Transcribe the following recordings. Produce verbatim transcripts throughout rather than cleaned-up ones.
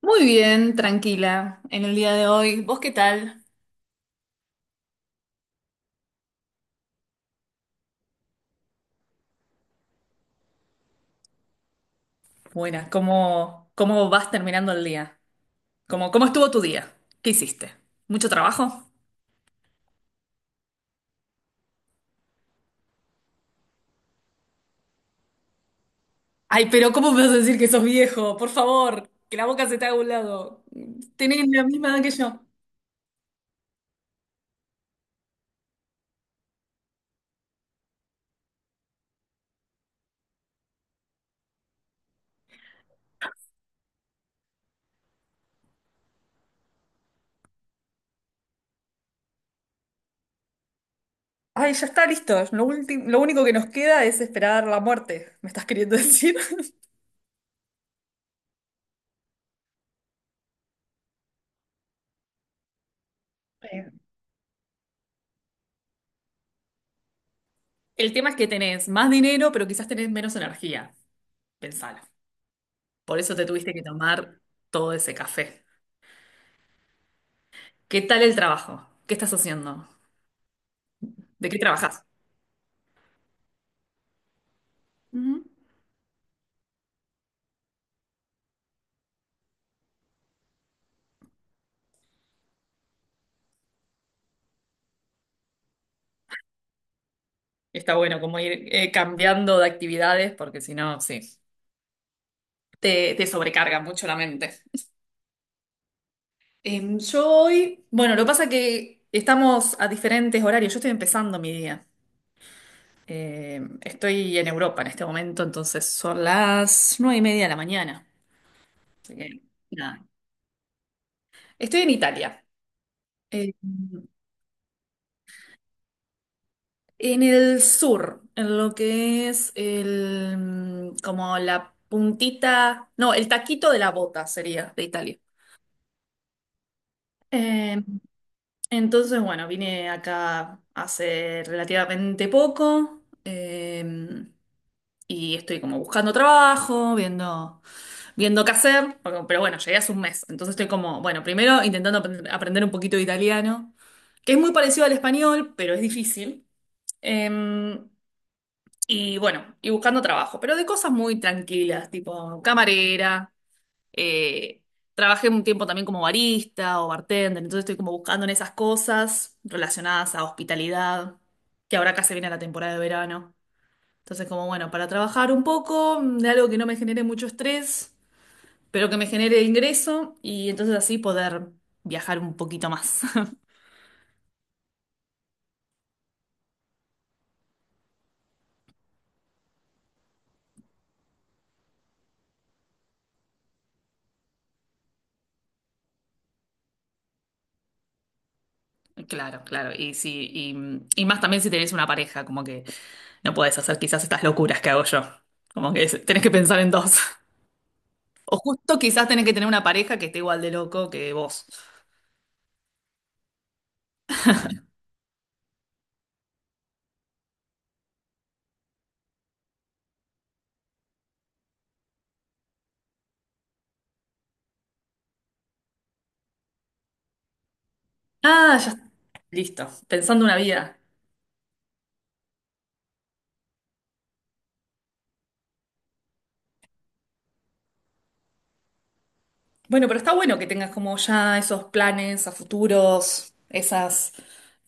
Muy bien, tranquila, en el día de hoy. ¿Vos qué tal? Buenas, ¿cómo, cómo vas terminando el día? ¿Cómo, cómo estuvo tu día? ¿Qué hiciste? ¿Mucho trabajo? Ay, pero ¿cómo me vas a decir que sos viejo? Por favor, que la boca se te haga a un lado. Tenés la misma edad que yo. Ay, ya está listo. Lo último, lo único que nos queda es esperar la muerte, ¿me estás queriendo decir? Eh, El tema es que tenés más dinero, pero quizás tenés menos energía. Pensalo. Por eso te tuviste que tomar todo ese café. ¿Qué tal el trabajo? ¿Qué estás haciendo? ¿De qué trabajas? Ujú. Está bueno como ir eh, cambiando de actividades porque si no, sí, te, te sobrecarga mucho la mente. Em, yo hoy, bueno, lo que pasa es que estamos a diferentes horarios. Yo estoy empezando mi día. Em, estoy en Europa en este momento, entonces son las nueve y media de la mañana. Así que, nada. Estoy en Italia. Em, En el sur, en lo que es el, mm, como la puntita, no, el taquito de la bota sería de Italia. Eh, entonces, bueno, vine acá hace relativamente poco eh, y estoy como buscando trabajo, viendo, viendo qué hacer, porque- pero bueno, llegué hace un mes, entonces estoy como, bueno, primero intentando aprend- aprender un poquito de italiano, que es muy parecido al español, pero es difícil. Em, Y bueno, y buscando trabajo, pero de cosas muy tranquilas, tipo camarera. eh, Trabajé un tiempo también como barista o bartender, entonces estoy como buscando en esas cosas relacionadas a hospitalidad, que ahora acá se viene la temporada de verano. Entonces, como bueno, para trabajar un poco de algo que no me genere mucho estrés, pero que me genere ingreso y entonces así poder viajar un poquito más. Claro, claro. Y si, y, y más también si tenés una pareja, como que no podés hacer quizás estas locuras que hago yo. Como que es- tenés que pensar en dos. O justo quizás tenés que tener una pareja que esté igual de loco que vos. Ah, ya. Listo. Pensando una vida. Bueno, pero está bueno que tengas como ya esos planes a futuros, esas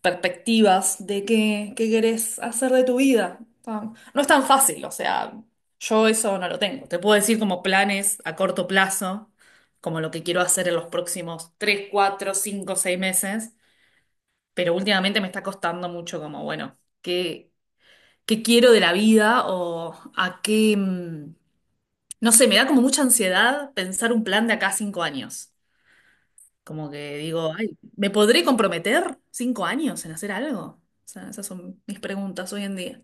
perspectivas de qué, qué querés hacer de tu vida. Está- No es tan fácil, o sea, yo eso no lo tengo. Te puedo decir como planes a corto plazo, como lo que quiero hacer en los próximos tres, cuatro, cinco, seis meses, pero últimamente me está costando mucho como, bueno, qué, qué quiero de la vida o a qué. mm, No sé, me da como mucha ansiedad pensar un plan de acá a cinco años. Como que digo, ay, ¿me podré comprometer cinco años en hacer algo? O sea, esas son mis preguntas hoy en día.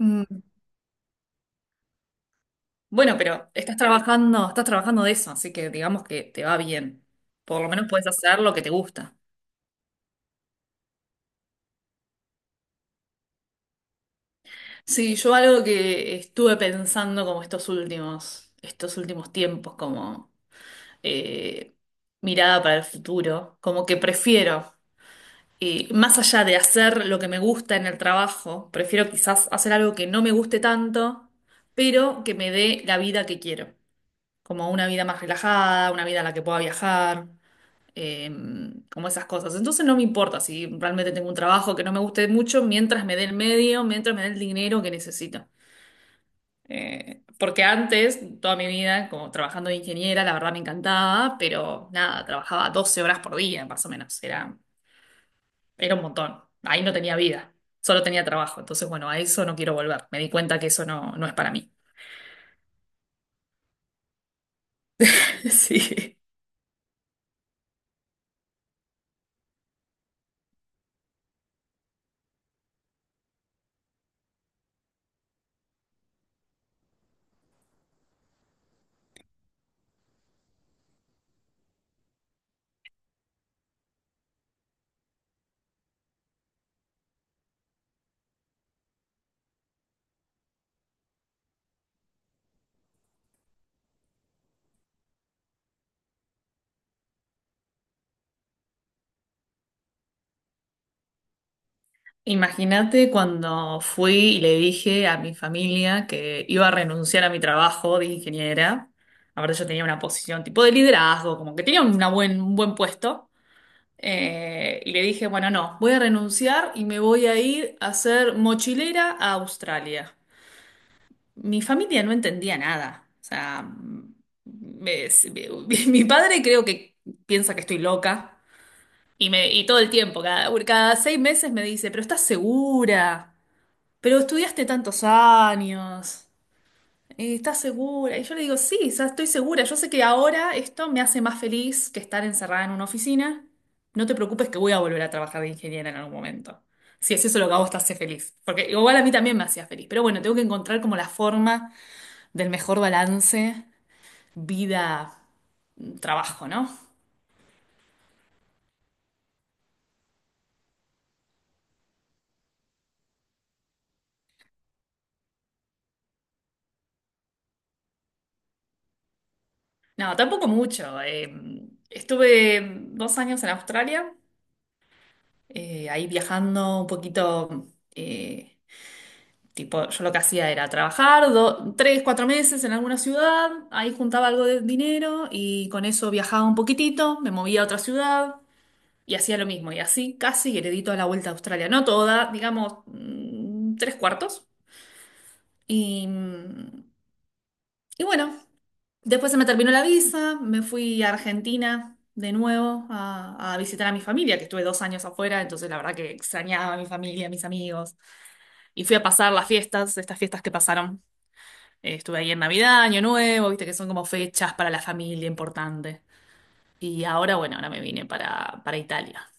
Mm, Bueno, pero estás trabajando, estás trabajando de eso, así que digamos que te va bien. Por lo menos puedes hacer lo que te gusta. Sí, yo algo que estuve pensando como estos últimos, estos últimos tiempos, como eh, mirada para el futuro, como que prefiero. Eh, más allá de hacer lo que me gusta en el trabajo, prefiero quizás hacer algo que no me guste tanto, pero que me dé la vida que quiero, como una vida más relajada, una vida en la que pueda viajar, eh, como esas cosas. Entonces no me importa si realmente tengo un trabajo que no me guste mucho, mientras me dé el medio, mientras me dé el dinero que necesito. Eh, porque antes, toda mi vida, como trabajando de ingeniera, la verdad me encantaba, pero nada, trabajaba doce horas por día, más o menos. Era era un montón. Ahí no tenía vida, solo tenía trabajo. Entonces, bueno, a eso no quiero volver. Me di cuenta que eso no, no es para mí. Sí. Imagínate cuando fui y le dije a mi familia que iba a renunciar a mi trabajo de ingeniera. Ahora yo tenía una posición tipo de liderazgo, como que tenía una buen, un buen puesto. Eh, y le dije, bueno, no, voy a renunciar y me voy a ir a ser mochilera a Australia. Mi familia no entendía nada. O sea, mm, me- se- me- mi padre creo que piensa que estoy loca. Y, me, y todo el tiempo, cada, cada seis meses me dice, pero estás segura, pero estudiaste tantos años, eh, estás segura. Y yo le digo, sí, o sea, estoy segura. Yo sé que ahora esto me hace más feliz que estar encerrada en una oficina. No te preocupes que voy a volver a trabajar de ingeniera en algún momento. Si es eso lo que a vos te hace feliz. Porque igual a mí también me hacía feliz. Pero bueno, tengo que encontrar como la forma del mejor balance vida-trabajo, ¿no? No, tampoco mucho. Eh, estuve dos años en Australia, eh, ahí viajando un poquito, eh, tipo, yo lo que hacía era trabajar do- tres, cuatro meses en alguna ciudad, ahí juntaba algo de dinero y con eso viajaba un poquitito, me movía a otra ciudad y hacía lo mismo. Y así casi heredito a la vuelta a Australia, no toda, digamos, mm, tres cuartos. Y, y bueno. Después se me terminó la visa, me fui a Argentina de nuevo a, a visitar a mi familia, que estuve dos años afuera, entonces la verdad que extrañaba a mi familia, a mis amigos. Y fui a pasar las fiestas, estas fiestas que pasaron. Eh, estuve ahí en Navidad, Año Nuevo, viste que son como fechas para la familia importante. Y ahora, bueno, ahora me vine para, para, Italia.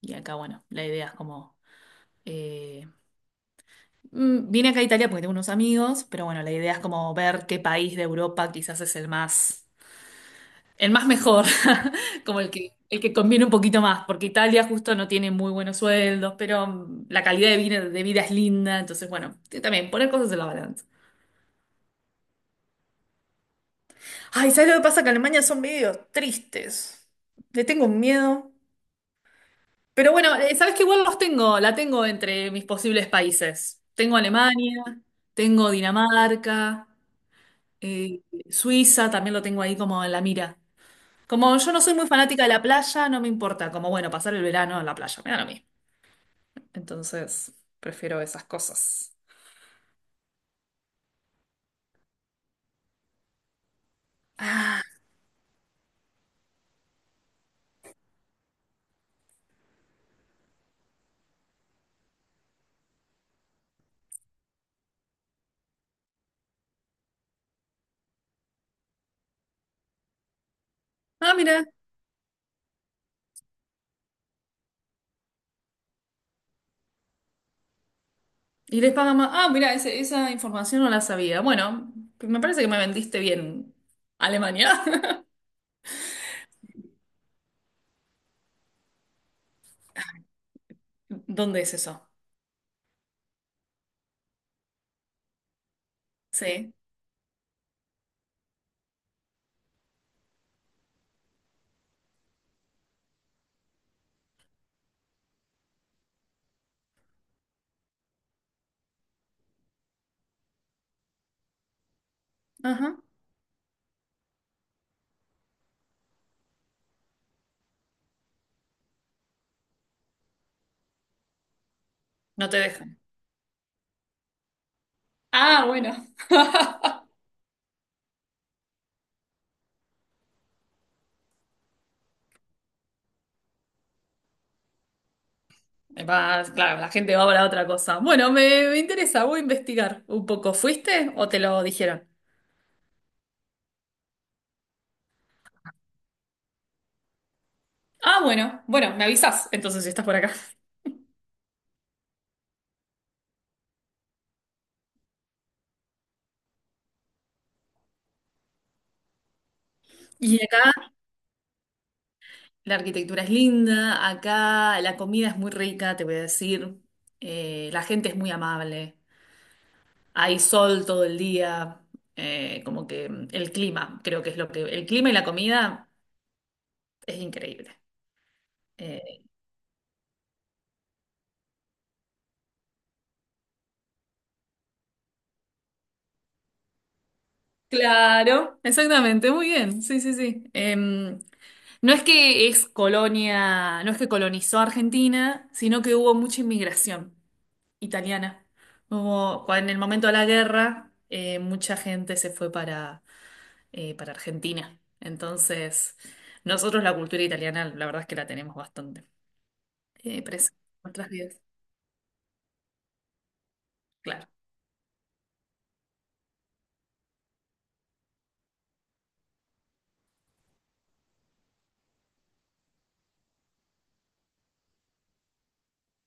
Y acá, bueno, la idea es como. eh, mm, Vine acá a Italia porque tengo unos amigos, pero bueno, la idea es como ver qué país de Europa quizás es el más. El más mejor, como el que, el que conviene un poquito más, porque Italia justo no tiene muy buenos sueldos, pero mm, la calidad de vida, de vida es linda, entonces bueno, t- también poner cosas en la balanza. Ay, ¿sabes lo que pasa? Que Alemania son medio tristes. Le tengo un miedo. Pero bueno, eh, sabes que igual los tengo, la tengo entre mis posibles países. Tengo Alemania, tengo Dinamarca, eh, Suiza, también lo tengo ahí como en la mira. Como yo no soy muy fanática de la playa, no me importa, como bueno, pasar el verano en la playa, me da lo mismo. Entonces, prefiero esas cosas. Ah, ah, mira. Y les pagan más. Ah, mira, ese- esa información no la sabía. Bueno, me parece que me vendiste bien Alemania. ¿Dónde es eso? Sí. Ajá. No te dejan. Ah, bueno. Va, claro, la gente va para otra cosa. Bueno, me, me interesa, voy a investigar un poco. ¿Fuiste o te lo dijeron? Ah, bueno, bueno, me avisas entonces si estás por acá. Y acá la arquitectura es linda, acá la comida es muy rica, te voy a decir. Eh, la gente es muy amable, hay sol todo el día, eh, como que mm, el clima, creo que es lo que. El clima y la comida es increíble. Eh, claro, exactamente, muy bien, sí, sí, sí. Em, no es que es colonia, no es que colonizó Argentina, sino que hubo mucha inmigración italiana. Hubo, cua- en el momento de la guerra, eh, mucha gente se fue para eh, para Argentina. Entonces, nosotros la cultura italiana, la verdad es que la tenemos bastante eh, presente en nuestras vidas. Claro,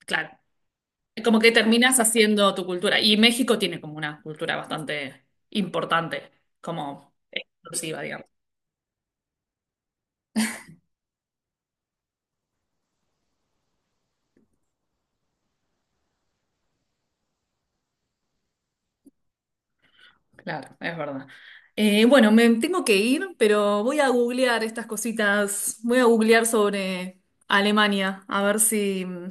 claro. Como que terminas haciendo tu cultura. Y México tiene como una cultura bastante importante, como exclusiva, digamos. Claro, es verdad. Eh, bueno, me tengo que ir, pero voy a googlear estas cositas. Voy a googlear sobre Alemania, a ver si mm,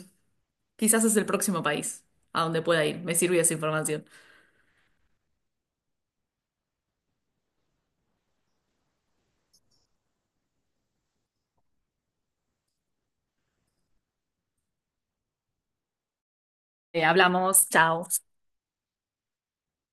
quizás es el próximo país a donde pueda ir. Me sirvió esa información. Eh, hablamos, chao.